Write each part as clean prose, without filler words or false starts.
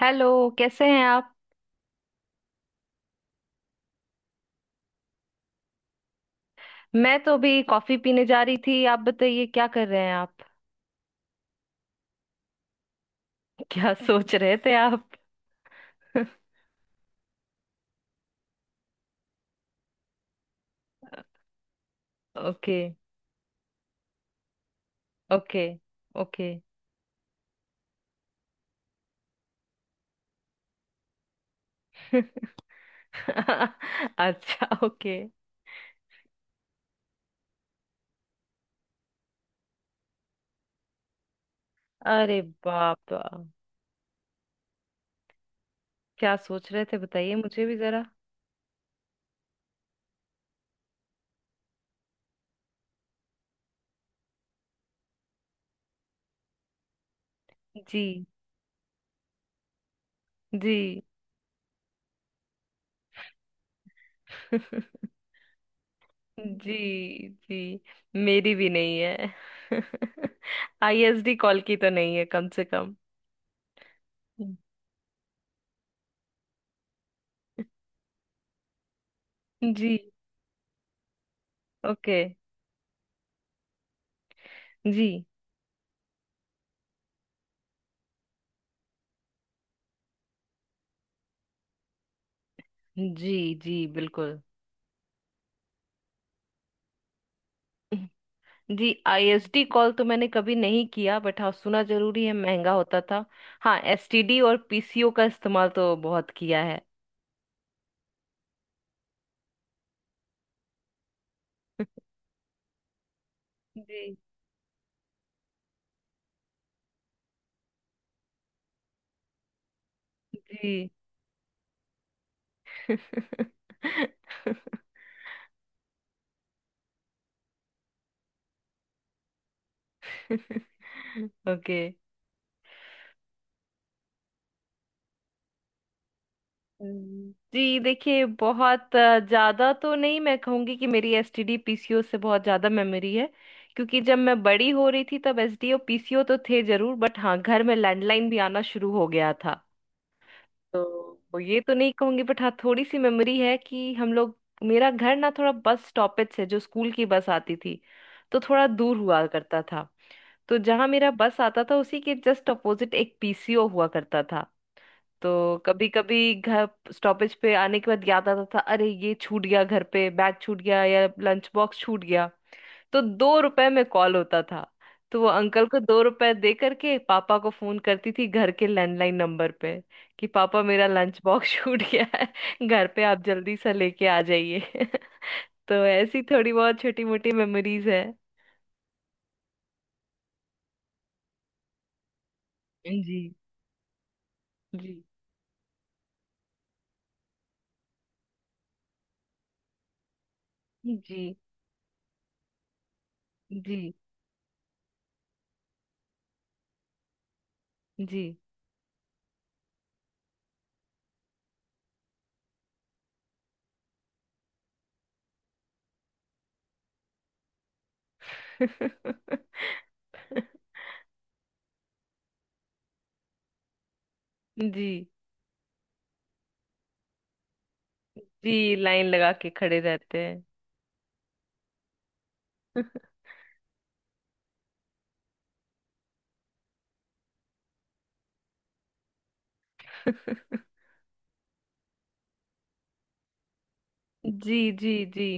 Hello. कैसे हैं आप? मैं तो अभी कॉफी पीने जा रही थी। आप बताइए, क्या कर रहे हैं आप? क्या सोच रहे थे आप? ओके। ओके। ओके। अच्छा। ओके। अरे बाप! क्या सोच रहे थे बताइए मुझे भी जरा। जी। जी। जी। जी। मेरी भी नहीं है। आईएसडी कॉल की तो नहीं है कम से कम। जी। ओके। जी। जी। जी। बिल्कुल। जी, आईएसडी कॉल तो मैंने कभी नहीं किया, बट हाँ, सुना जरूरी है, महंगा होता था। हाँ, एसटीडी और पीसीओ का इस्तेमाल तो बहुत किया है। जी। जी। ओके। जी, देखिए, बहुत ज्यादा तो नहीं, मैं कहूंगी कि मेरी एसटीडी पीसीओ से बहुत ज्यादा मेमोरी है। क्योंकि जब मैं बड़ी हो रही थी तब एसडी और पीसीओ तो थे जरूर, बट हाँ, घर में लैंडलाइन भी आना शुरू हो गया था। तो वो, ये तो नहीं कहूंगी, बट हाँ, थोड़ी सी मेमोरी है कि हम लोग। मेरा घर ना थोड़ा बस स्टॉपेज से, जो स्कूल की बस आती थी, तो थोड़ा दूर हुआ करता था। तो जहाँ मेरा बस आता था, उसी के जस्ट अपोजिट एक पीसीओ हुआ करता था। तो कभी कभी घर स्टॉपेज पे आने के बाद याद आता था, अरे ये छूट गया, घर पे बैग छूट गया या लंच बॉक्स छूट गया। तो 2 रुपए में कॉल होता था। तो वो अंकल को 2 रुपए दे करके पापा को फोन करती थी घर के लैंडलाइन नंबर पे, कि पापा मेरा लंच बॉक्स छूट गया है घर पे, आप जल्दी से लेके आ जाइए। तो ऐसी थोड़ी बहुत छोटी मोटी मेमोरीज है। जी। जी। जी। जी। जी। जी। जी, लाइन लगा के खड़े रहते हैं। जी। जी। जी।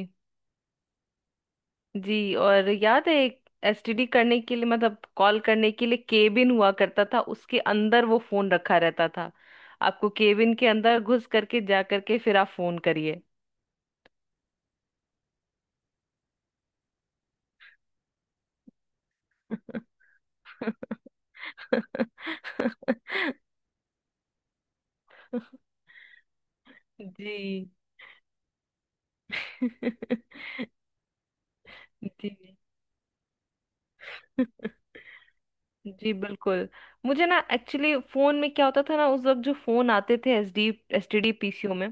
जी, और याद है एक एसटीडी करने के लिए, मतलब कॉल करने के लिए केबिन हुआ करता था, उसके अंदर वो फोन रखा रहता था। आपको केबिन के अंदर घुस करके, जा करके फिर आप फोन करिए। जी। जी। जी, बिल्कुल। मुझे ना एक्चुअली फोन में क्या होता था ना, उस वक्त जो फोन आते थे एसडी एसटीडी पीसीओ में,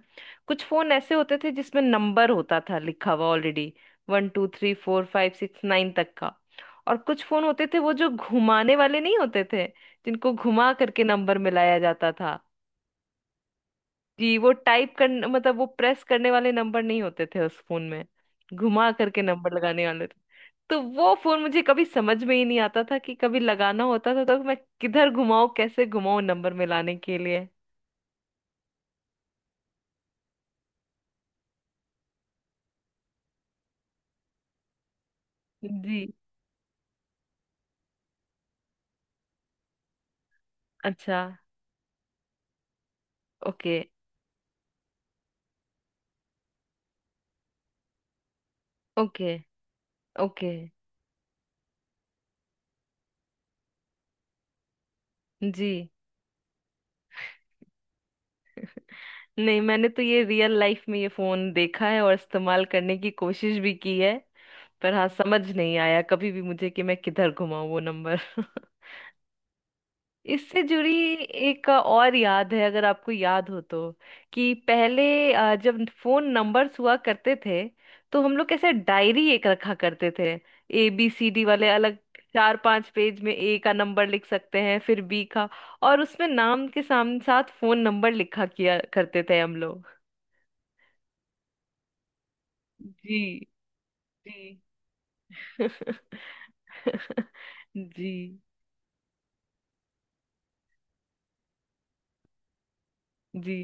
कुछ फोन ऐसे होते थे जिसमें नंबर होता था लिखा हुआ ऑलरेडी, 1 2 3 4 5 6 9 तक का। और कुछ फोन होते थे वो जो घुमाने वाले नहीं होते थे, जिनको घुमा करके नंबर मिलाया जाता था। जी, वो टाइप कर, मतलब वो प्रेस करने वाले नंबर नहीं होते थे उस फोन में, घुमा करके नंबर लगाने वाले थे। तो वो फोन मुझे कभी समझ में ही नहीं आता था कि कभी लगाना होता था तो मैं किधर घुमाऊं, कैसे घुमाऊं नंबर मिलाने के लिए। जी। अच्छा। ओके। ओके। ओके। जी। नहीं, मैंने तो ये रियल लाइफ में ये फोन देखा है और इस्तेमाल करने की कोशिश भी की है। पर हाँ, समझ नहीं आया कभी भी मुझे कि मैं किधर घुमाऊं वो नंबर। इससे जुड़ी एक और याद है, अगर आपको याद हो, तो कि पहले जब फोन नंबर्स हुआ करते थे, तो हम लोग कैसे डायरी एक रखा करते थे, ABCD वाले अलग। चार पांच पेज में ए का नंबर लिख सकते हैं, फिर बी का। और उसमें नाम के सामने साथ फोन नंबर लिखा किया करते थे हम लोग। जी। जी। जी। जी।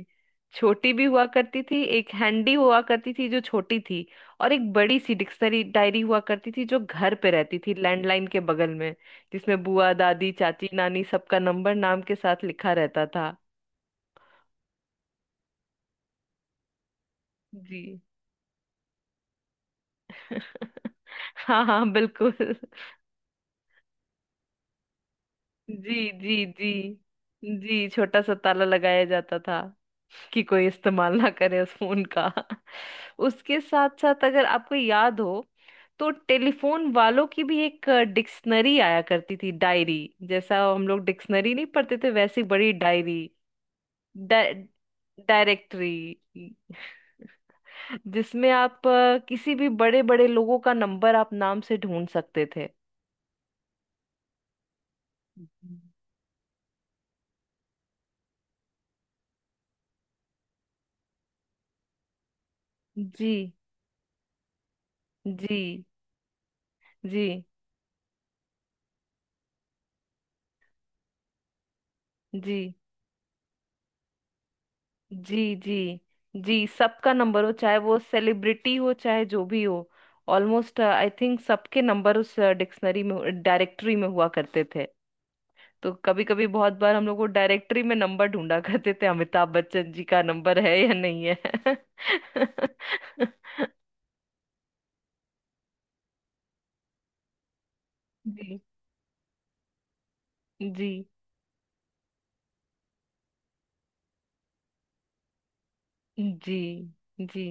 छोटी भी हुआ करती थी, एक हैंडी हुआ करती थी जो छोटी थी। और एक बड़ी सी डिक्शनरी डायरी हुआ करती थी जो घर पे रहती थी, लैंडलाइन के बगल में। जिसमें बुआ, दादी, चाची, नानी, सबका नंबर नाम के साथ लिखा रहता था। जी। हाँ, हाँ, बिल्कुल। जी। जी। जी। जी, छोटा सा ताला लगाया जाता था कि कोई इस्तेमाल ना करे उस फोन का। उसके साथ साथ, अगर आपको याद हो, तो टेलीफोन वालों की भी एक डिक्शनरी आया करती थी, डायरी जैसा। हम लोग डिक्शनरी नहीं पढ़ते थे, वैसी बड़ी डायरी, डायरेक्टरी, जिसमें आप किसी भी बड़े बड़े लोगों का नंबर आप नाम से ढूंढ सकते थे। जी। जी। जी। जी। जी। जी। जी। जी। सबका नंबर हो, चाहे वो सेलिब्रिटी हो, चाहे जो भी हो। ऑलमोस्ट आई थिंक सबके नंबर उस डिक्शनरी में, डायरेक्टरी में हुआ करते थे। तो कभी कभी, बहुत बार हम लोग वो डायरेक्टरी में नंबर ढूंढा करते थे, अमिताभ बच्चन जी का नंबर है या नहीं है। जी। जी। जी। जी। जी।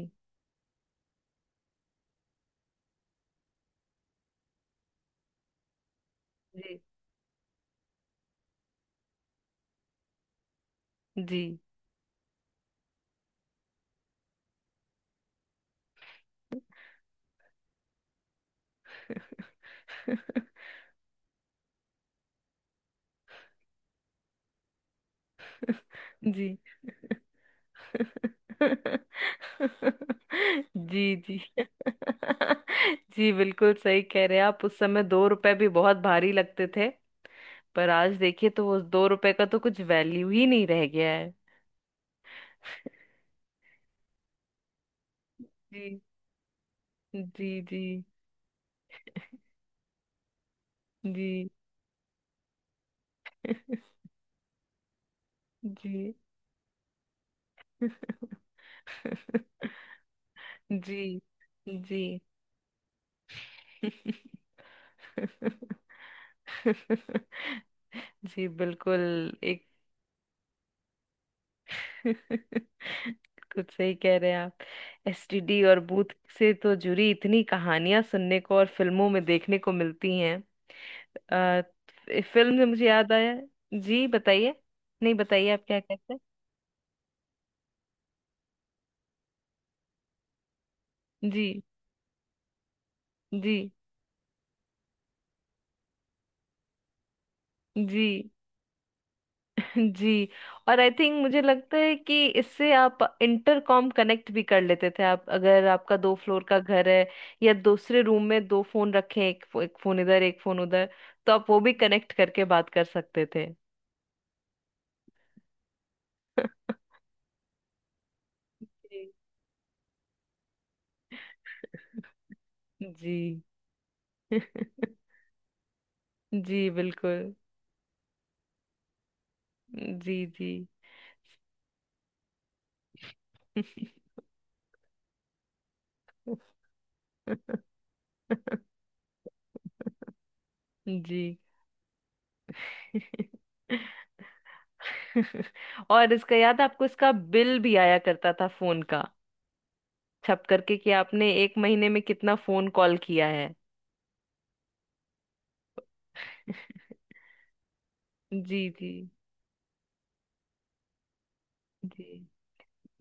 जी। जी। जी। जी। जी, बिल्कुल सही कह रहे हैं आप, उस समय 2 रुपए भी बहुत भारी लगते थे। पर आज देखिए तो उस 2 रुपए का तो कुछ वैल्यू ही नहीं रह गया है। जी। जी। जी। जी। जी। जी। जी। जी, बिल्कुल। एक कुछ सही कह रहे हैं आप, एसटीडी और बूथ से तो जुड़ी इतनी कहानियां सुनने को और फिल्मों में देखने को मिलती हैं। अ, इस फिल्म से मुझे याद आया। जी, बताइए। नहीं, बताइए आप क्या कहते हैं। जी। जी। जी। जी, और आई थिंक, मुझे लगता है कि इससे आप इंटरकॉम कनेक्ट भी कर लेते थे, आप अगर आपका दो फ्लोर का घर है या दूसरे रूम में दो फोन रखे हैं, एक फोन इधर, एक फोन उधर। तो आप वो भी कनेक्ट करके बात कर सकते थे। जी। जी, बिल्कुल। जी। जी। जी। और इसका याद है आपको, इसका बिल भी आया करता था फोन का, छप करके, कि आपने एक महीने में कितना फोन कॉल किया है। जी। जी। जी,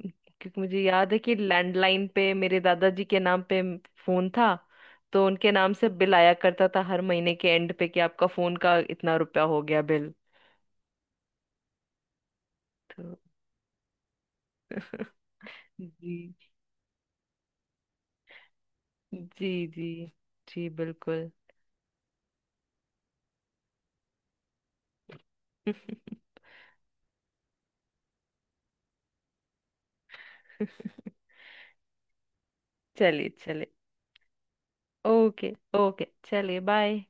क्योंकि मुझे याद है कि लैंडलाइन पे मेरे दादाजी के नाम पे फोन था। तो उनके नाम से बिल आया करता था हर महीने के एंड पे, कि आपका फोन का इतना रुपया हो गया बिल। तो। जी। जी। जी। जी, बिल्कुल। चलिए, चलिए। ओके। ओके, चलिए। बाय।